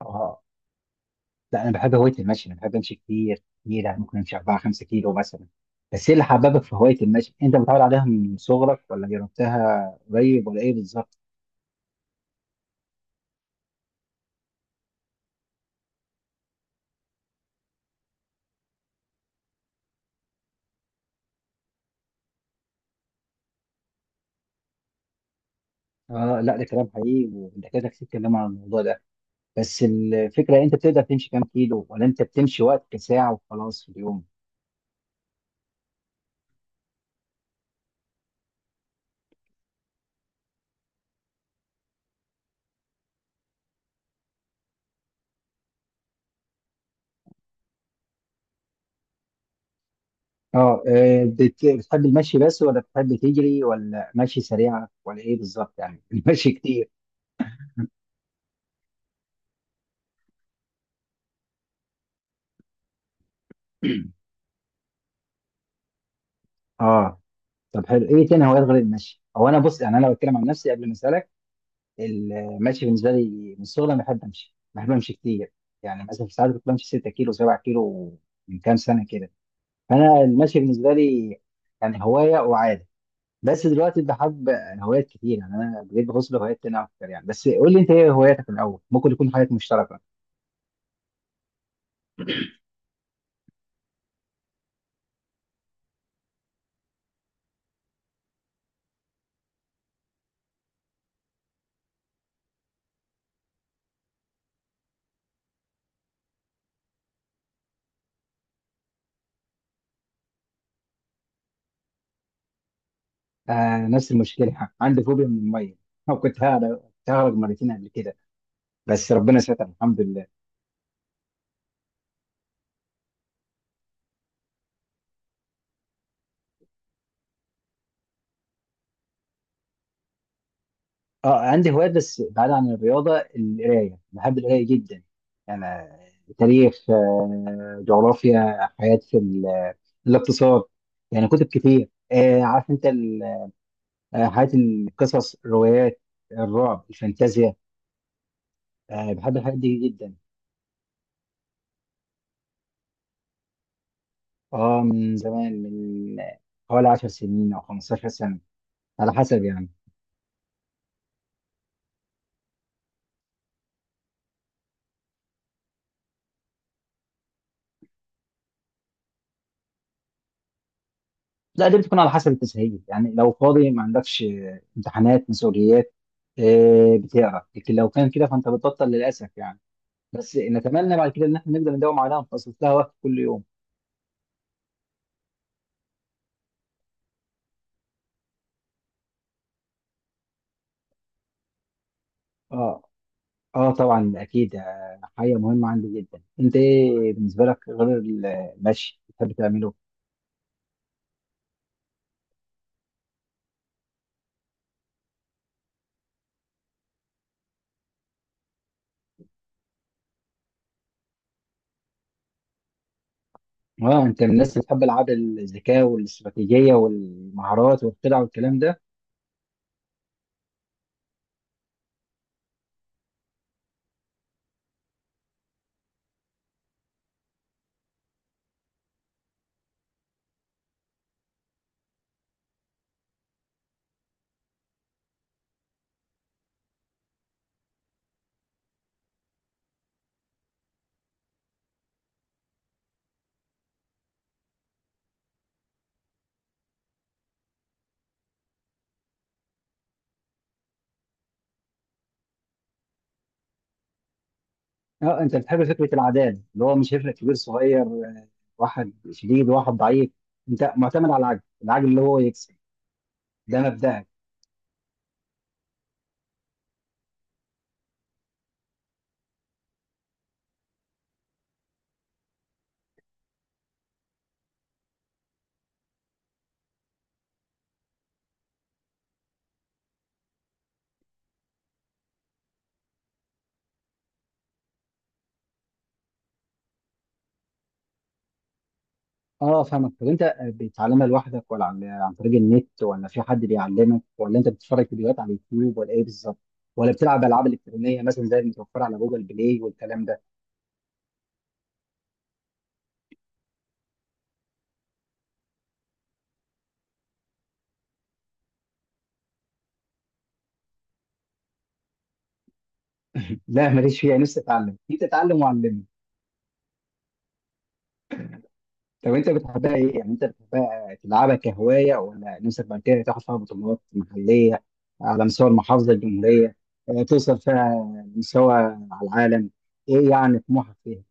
اه، لا انا بحب هوايه المشي. انا بحب امشي كتير كتير، يعني ممكن امشي 4 5 كيلو مثلا. بس ايه اللي حببك في هوايه المشي؟ انت متعود عليها من صغرك ولا جربتها قريب ولا ايه بالظبط؟ اه، لا ده كلام حقيقي والدكاتره كتير اتكلموا عن الموضوع ده. بس الفكره، انت بتقدر تمشي كام كيلو ولا انت بتمشي وقت ساعه وخلاص في اليوم؟ اه، بتحب المشي بس ولا بتحب تجري ولا مشي سريعه ولا ايه بالظبط يعني المشي كتير. اه، طب حلو. ايه تاني هوايات غير المشي؟ هو انا بص، يعني انا بتكلم عن نفسي قبل ما اسالك. المشي بالنسبه لي من الصغر، انا بحب امشي، بحب امشي كتير. يعني مثلا في ساعات كنت بمشي 6 كيلو 7 كيلو من كام سنه كده. فانا المشي بالنسبه لي يعني هوايه وعاده. بس دلوقتي بحب هوايات كتير، يعني انا بقيت بغوص بهوايات تانية اكتر يعني. بس قول لي انت ايه هواياتك الاول، ممكن يكون حاجات مشتركه. آه، نفس المشكله، عندي فوبيا من الميه. كنت هغرق، كنت هغرق مرتين قبل كده، بس ربنا ستر الحمد لله. اه، عندي هوايات بس بعيد عن الرياضة. القراية، بحب القراية جدا. أنا تاريخ، جغرافيا، حياة في الاقتصاد. يعني كتب كتير، عارف أنت حياة، القصص، الروايات، الرعب، الفانتازيا، بحب الحاجات دي جدا. اه، من زمان، من حوالي 10 سنين أو 15 سنة، على حسب يعني. لا، دي بتكون على حسب التسهيل. يعني لو فاضي ما عندكش امتحانات، مسؤوليات، بتقرا. لكن لو كان كده فانت بتبطل للاسف يعني. بس نتمنى بعد كده ان احنا نقدر نداوم عليها ونخصص لها وقت كل يوم. اه. اه، طبعا اكيد، حاجه مهمه عندي جدا. انت ايه بالنسبه لك غير المشي بتحب تعمله؟ اه، انت من الناس اللي بتحب العاب الذكاء والاستراتيجيه والمهارات والخدع والكلام ده؟ اه، انت بتحب فكره العداد اللي هو مش هيفرق كبير صغير، واحد شديد واحد ضعيف. انت معتمد على العجل، العجل اللي هو يكسب. ده مبدأك. اه، فاهمك. طب انت بتتعلمها لوحدك ولا عن طريق النت ولا في حد بيعلمك ولا انت بتتفرج فيديوهات على اليوتيوب ولا ايه بالظبط؟ ولا بتلعب العاب الكترونيه مثلا زي المتوفره على جوجل بلاي والكلام ده؟ لا ماليش فيها، نفسي اتعلم. انت اتعلم وعلمني. طب انت بتحبها ايه؟ يعني انت بتحبها تلعبها كهوايه ولا نفسك بعد كده تاخد فيها بطولات محليه على مستوى المحافظه، الجمهوريه، توصل فيها لمستوى على العالم؟ ايه يعني طموحك فيها؟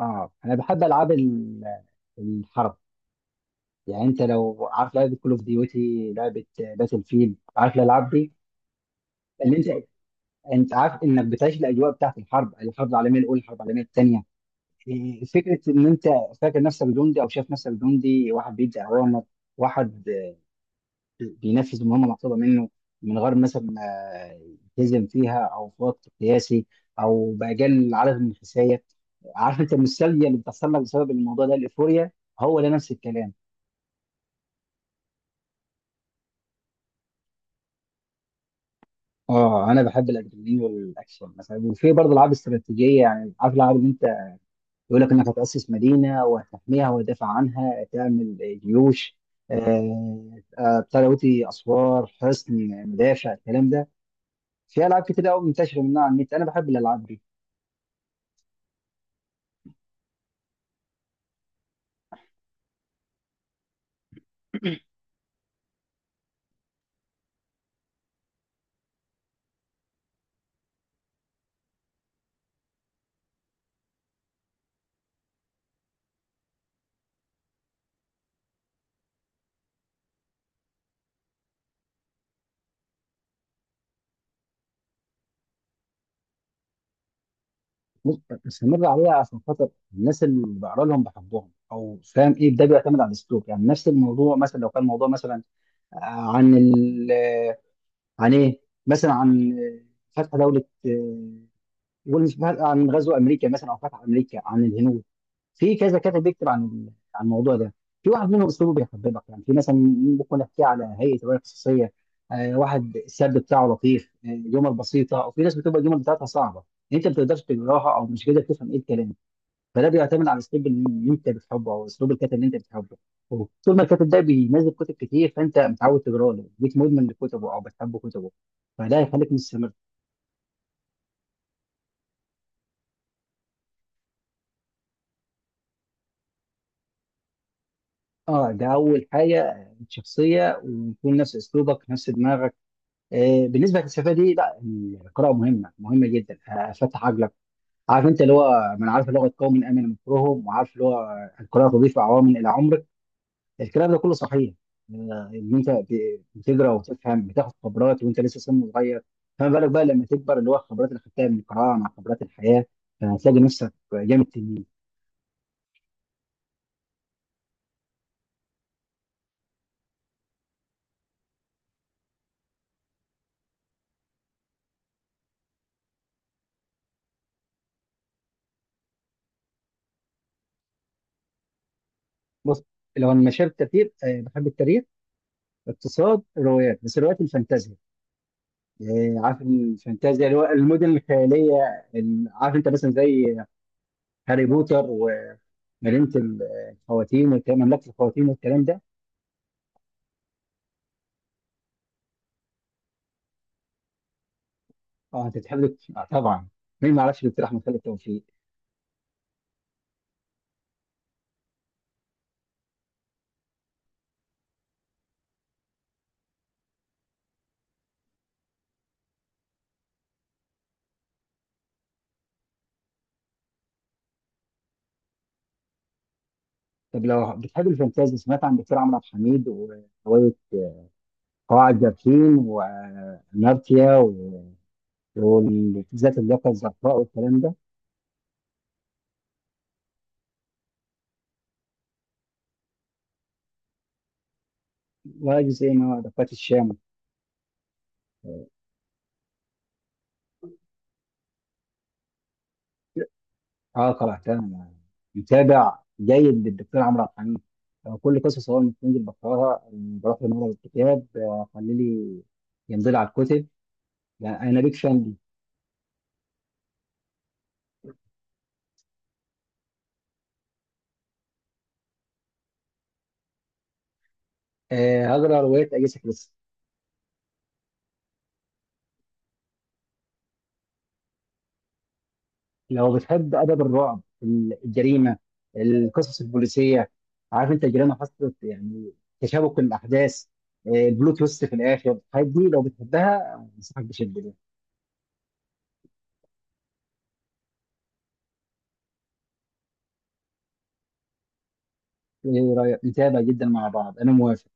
اه، انا بحب العاب الحرب. يعني انت لو عارف لعبه كول اوف ديوتي، لعبه باتل فيلد، عارف الالعاب دي اللي انت، انت عارف انك بتعيش الاجواء بتاعت الحرب، الحرب العالميه الاولى، الحرب العالميه الثانيه. إيه، فكره ان انت فاكر نفسك جندي، او شايف نفسك جندي، واحد بيدي اوامر، واحد بينفذ مهمه مطلوبه منه من غير مثلا ما يلتزم فيها، او في وقت قياسي، او باجل عدد من الحسايه. عارف انت المثاليه اللي بتحصل لك بسبب الموضوع ده، الايفوريا، هو ده نفس الكلام. اه، انا بحب الادرينالين والاكشن مثلا، وفي برضه العاب استراتيجيه. يعني عارف الالعاب اللي انت يقول لك انك هتأسس مدينة وهتحميها وتدافع عنها، تعمل جيوش، بتاع دوتي، اسوار، حصن، مدافع، الكلام ده. في العاب كتير قوي منتشره منها على النت، انا بحب الالعاب دي. بص، مستمر عليها عشان خاطر الناس اللي بقرا لهم بحبهم، او فاهم ايه. ده بيعتمد على الاسلوب. يعني نفس الموضوع مثلا، لو كان موضوع مثلا عن ال عن ايه، مثلا عن فتح دولة، قول، مش عن غزو امريكا مثلا، او فتح امريكا عن الهنود. في كذا كاتب بيكتب عن عن الموضوع ده، في واحد منهم اسلوبه بيحببك. يعني في مثلا ممكن احكي على هيئه روايه قصصيه، واحد السرد بتاعه لطيف، جمل بسيطه، وفي ناس بتبقى الجمل بتاعتها صعبه، انت ما بتقدرش تقراها او مش قادر تفهم ايه الكلام. فده بيعتمد على الاسلوب اللي انت بتحبه، او اسلوب الكاتب اللي انت بتحبه. طول ما الكاتب ده بينزل كتب كتير فانت متعود تقرا له، بقيت مدمن لكتبه او بتحب كتبه، فده هيخليك مستمر. اه، ده اول حاجه، الشخصيه، ويكون نفس اسلوبك نفس دماغك. بالنسبه للفلسفه دي، لا، القراءه مهمه، مهمه جدا، فتح عقلك. عارف انت اللي هو من عارف لغه قوم امن مكرهم، وعارف اللي هو القراءه تضيف عوامل الى عمرك، الكلام ده كله صحيح. ان انت بتقرا وتفهم، بتاخد خبرات وانت لسه سن صغير. فما بالك بقى لما تكبر، اللي هو الخبرات اللي خدتها من القراءه مع خبرات الحياه، فهتلاقي نفسك جامد تنين. بص، لو انا مشاهد كتير، بحب التاريخ، اقتصاد، روايات، بس روايات الفانتازيا. إيه، عارف الفانتازيا، اللي هو المدن الخياليه، عارف انت مثلا زي هاري بوتر، ومدينه ال- الخواتيم والكلام، مملكه الخواتيم والكلام ده. اه، انت بتحب طبعا، مين ما يعرفش الاقتراح من خالد توفيق. طب لو بتحب الفانتازيا، سمعت عن دكتور عمرو عبد الحميد وروايه قواعد جارحين، واناركيا، والذات، اللياقه الزرقاء، والكلام ده، وجزء ما دقات الشام؟ اه، قراتها. متابع جيد للدكتور عمرو عبد الحميد. كل قصص هو بتنزل بقراها، بروح لمعرض الكتاب، خلي لي ينزل على الكتب. يعني انا بيك فان دي. هقرا روايات اجاثا كريستي. لو بتحب ادب الرعب، الجريمه، القصص البوليسيه، عارف انت الجريمه حصلت يعني، تشابك الاحداث، بلوت تويست في الاخر، الحاجات دي لو بتحبها انصحك بشده بيها. ايه رايك؟ نتابع جدا مع بعض، انا موافق.